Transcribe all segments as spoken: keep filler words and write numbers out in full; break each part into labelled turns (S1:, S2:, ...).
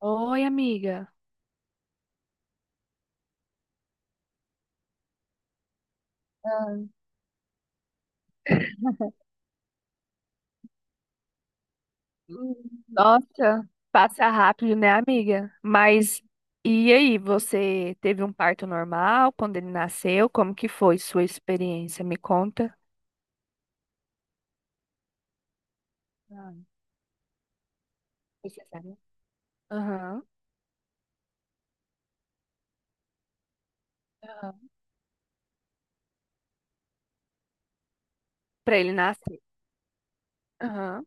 S1: Oi, amiga. Nossa, passa rápido, né, amiga? Mas e aí, você teve um parto normal quando ele nasceu? Como que foi sua experiência? Me conta. Ah, foi cesárea? Aham. Aham. Pra ele nascer. Aham.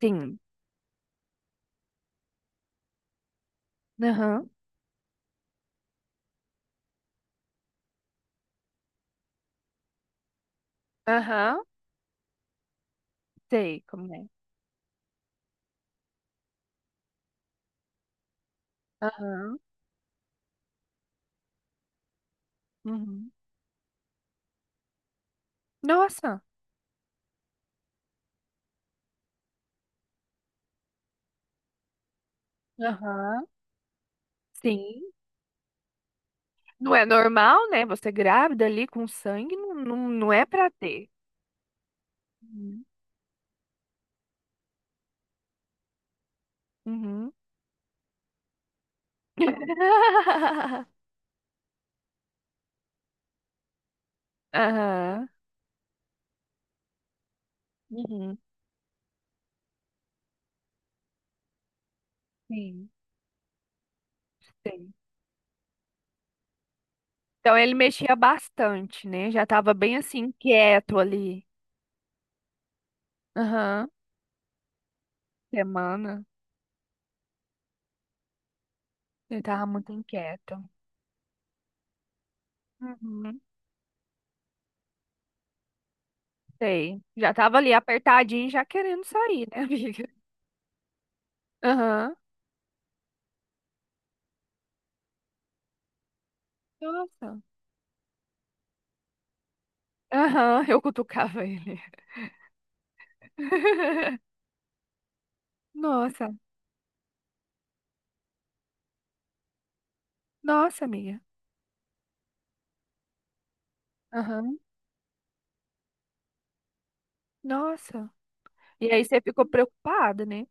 S1: Sim. Aham. Aham. Sei como é. Aham. Uhum. Nossa. Aham. Sim. Não é normal, né? Você grávida ali com sangue, não, não, não é pra ter. Uhum. Uhum. Aham. Uhum. Sim. Sim. Então ele mexia bastante, né? Já tava bem assim, inquieto ali. Aham. Semana. Ele tava muito inquieto. Uhum. Sei. Já tava ali apertadinho, já querendo sair, né, amiga? Aham. Nossa. Aham, eu cutucava ele. Nossa. Nossa, amiga. Aham. Nossa. E aí você ficou preocupada, né?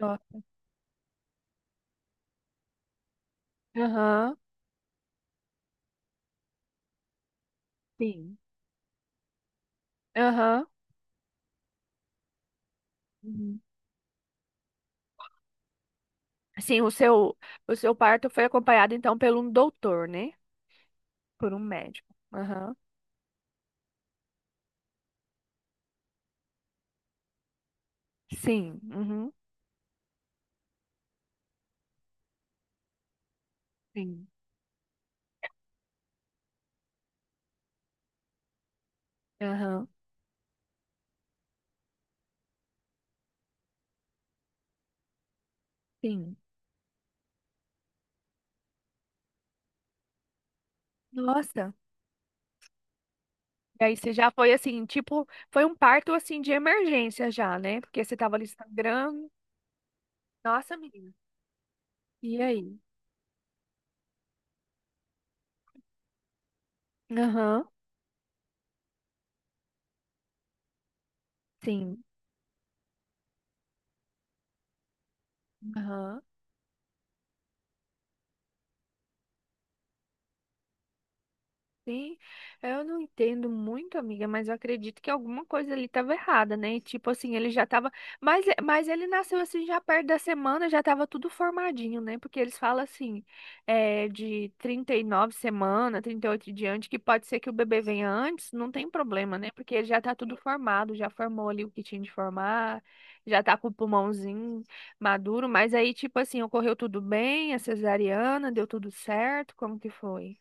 S1: Nossa. Aham. Sim. Aham. Sim, o seu, o seu parto foi acompanhado então pelo um doutor, né? Por um médico. Aham. Sim. Uhum. Sim. Aham. Sim. Nossa. E aí você já foi assim, tipo, foi um parto assim de emergência já, né? Porque você tava ali sangrando. Nossa, menina. E aí? Aham. Sim. Aham. Sim, eu não entendo muito, amiga, mas eu acredito que alguma coisa ali estava errada, né? Tipo assim, ele já tava. Mas, mas ele nasceu assim já perto da semana, já tava tudo formadinho, né? Porque eles falam assim, é, de trinta e nove semanas, trinta e oito em diante, que pode ser que o bebê venha antes, não tem problema, né? Porque ele já tá tudo formado, já formou ali o que tinha de formar, já tá com o pulmãozinho maduro, mas aí, tipo assim, ocorreu tudo bem, a cesariana, deu tudo certo, como que foi?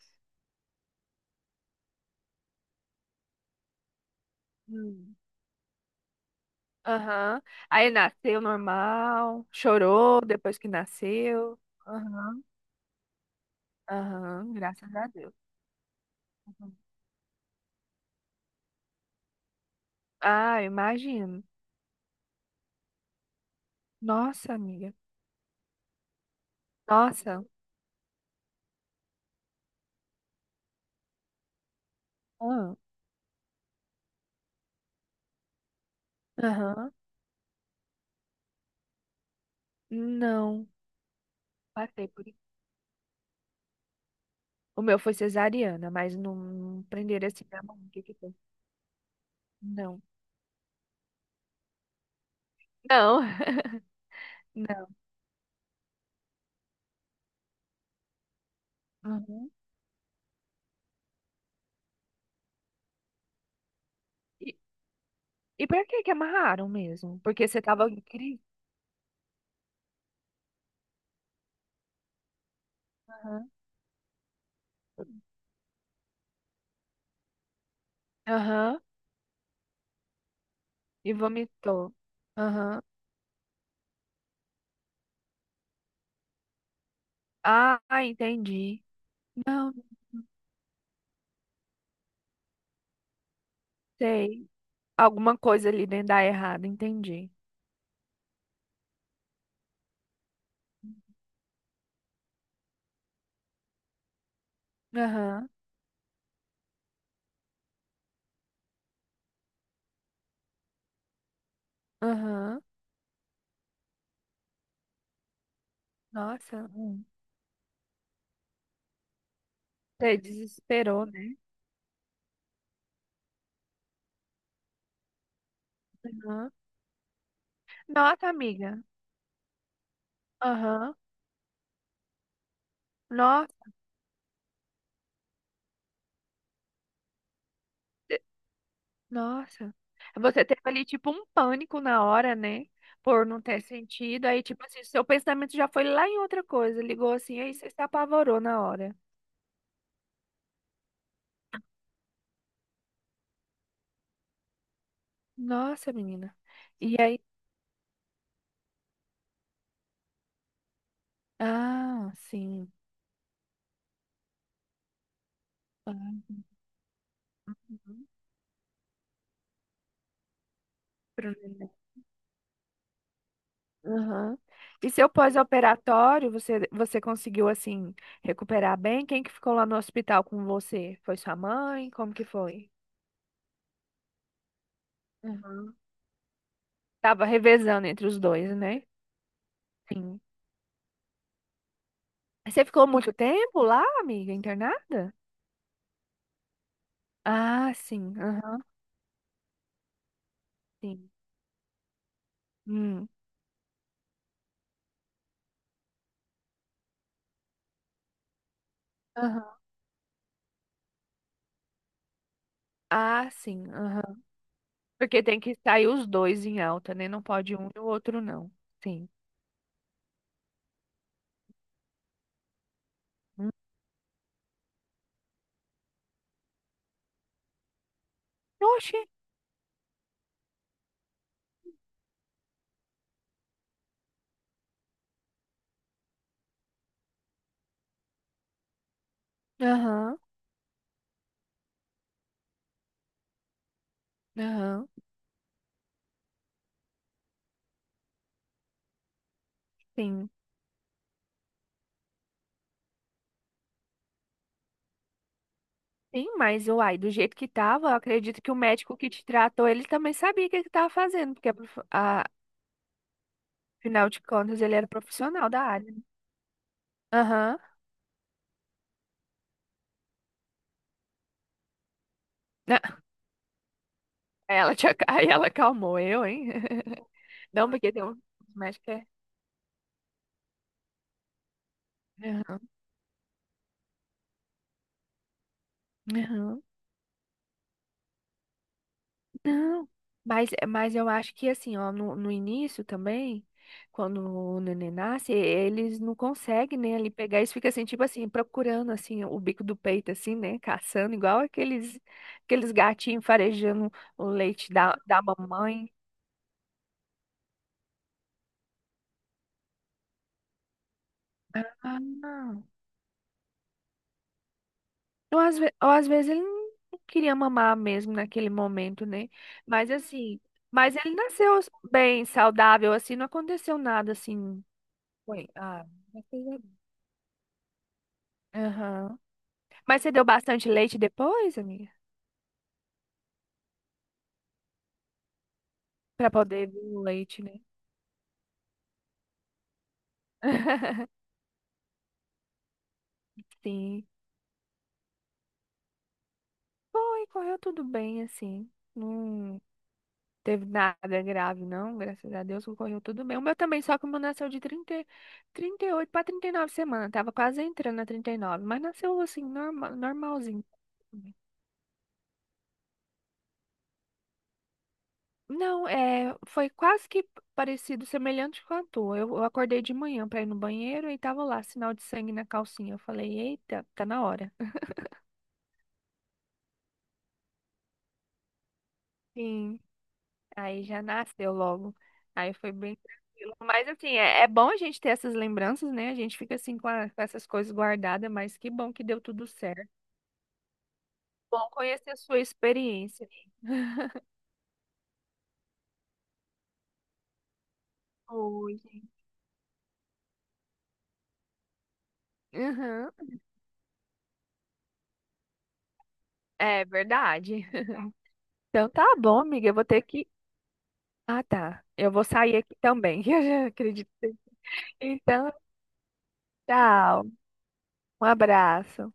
S1: Aham. Aí nasceu normal, chorou depois que nasceu. Aham. Aham, graças a Deus. Uhum. Ah, eu imagino. Nossa, amiga. Nossa. Ah, Aham. Não, passei por isso. O meu foi cesariana, mas não prenderam assim na mão. O que que foi? Não. Não. Não. Uhum. E, e pra que que amarraram mesmo? Porque você tava em crise? Aham. Aham. E vomitou. Aham. Ah, entendi. Não, sei. Alguma coisa ali dentro dá errado, entendi. Aham, aham. Nossa, hum. Você desesperou, né? Aham. Nossa, amiga. Aham. Nossa, nossa. Você teve ali tipo um pânico na hora, né? Por não ter sentido. Aí, tipo assim, seu pensamento já foi lá em outra coisa. Ligou assim, aí você se apavorou na hora. Nossa, menina. E aí. Ah, sim. Ah, uhum. Aham. E seu pós-operatório, você, você conseguiu, assim, recuperar bem? Quem que ficou lá no hospital com você? Foi sua mãe? Como que foi? Uhum. Tava revezando entre os dois, né? Sim. Você ficou muito tempo lá, amiga, internada? Ah, sim. Aham, sim. Hum. Aham. Ah, sim. Aham. Porque tem que sair os dois em alta, né? Não pode um e o outro não. Sim. Hum. Oxi. Aham. Aham. Sim. Sim, mas uai, do jeito que tava, eu acredito que o médico que te tratou, ele também sabia o que que tava fazendo, porque prof- a- afinal de contas ele era profissional da área. Né? Aham. Né? Aí Ela te, ac- aí ela acalmou eu, hein? Não, porque tem um médico que é. Aham. Não, mas, mas eu acho que assim, ó, no, no início também, quando o neném nasce, eles não conseguem, né, ali pegar, eles ficam assim, tipo assim, procurando, assim, o bico do peito, assim, né, caçando, igual aqueles, aqueles gatinhos farejando o leite da, da mamãe. Ah, não. Ou às, ve- ou às vezes ele não não queria mamar mesmo naquele momento, né, mas assim, mas ele nasceu bem, saudável, assim, não aconteceu nada, assim, foi, ah, graças a Deus. Aham. Mas você deu bastante leite depois, amiga? Pra poder vir o leite, né? Sim. Foi, correu tudo bem, assim. Não teve nada grave, não. Graças a Deus, correu tudo bem. O meu também, só que o meu nasceu de trinta e- trinta e oito para trinta e nove semanas. Tava quase entrando na trinta e nove, mas nasceu, assim, normal, normalzinho. Não, é, foi quase que parecido, semelhante com a tua. Eu, eu acordei de manhã pra ir no banheiro e tava lá, sinal de sangue na calcinha. Eu falei, eita, tá na hora. Sim. Aí já nasceu logo. Aí foi bem tranquilo. Mas assim, é, é bom a gente ter essas lembranças, né? A gente fica assim com, a- com essas coisas guardadas, mas que bom que deu tudo certo. Bom conhecer a sua experiência. Oi, gente. Uhum. É verdade. Então tá bom, amiga. Eu vou ter que. Ah, tá. Eu vou sair aqui também. Eu já acredito. Então, tchau. Um abraço.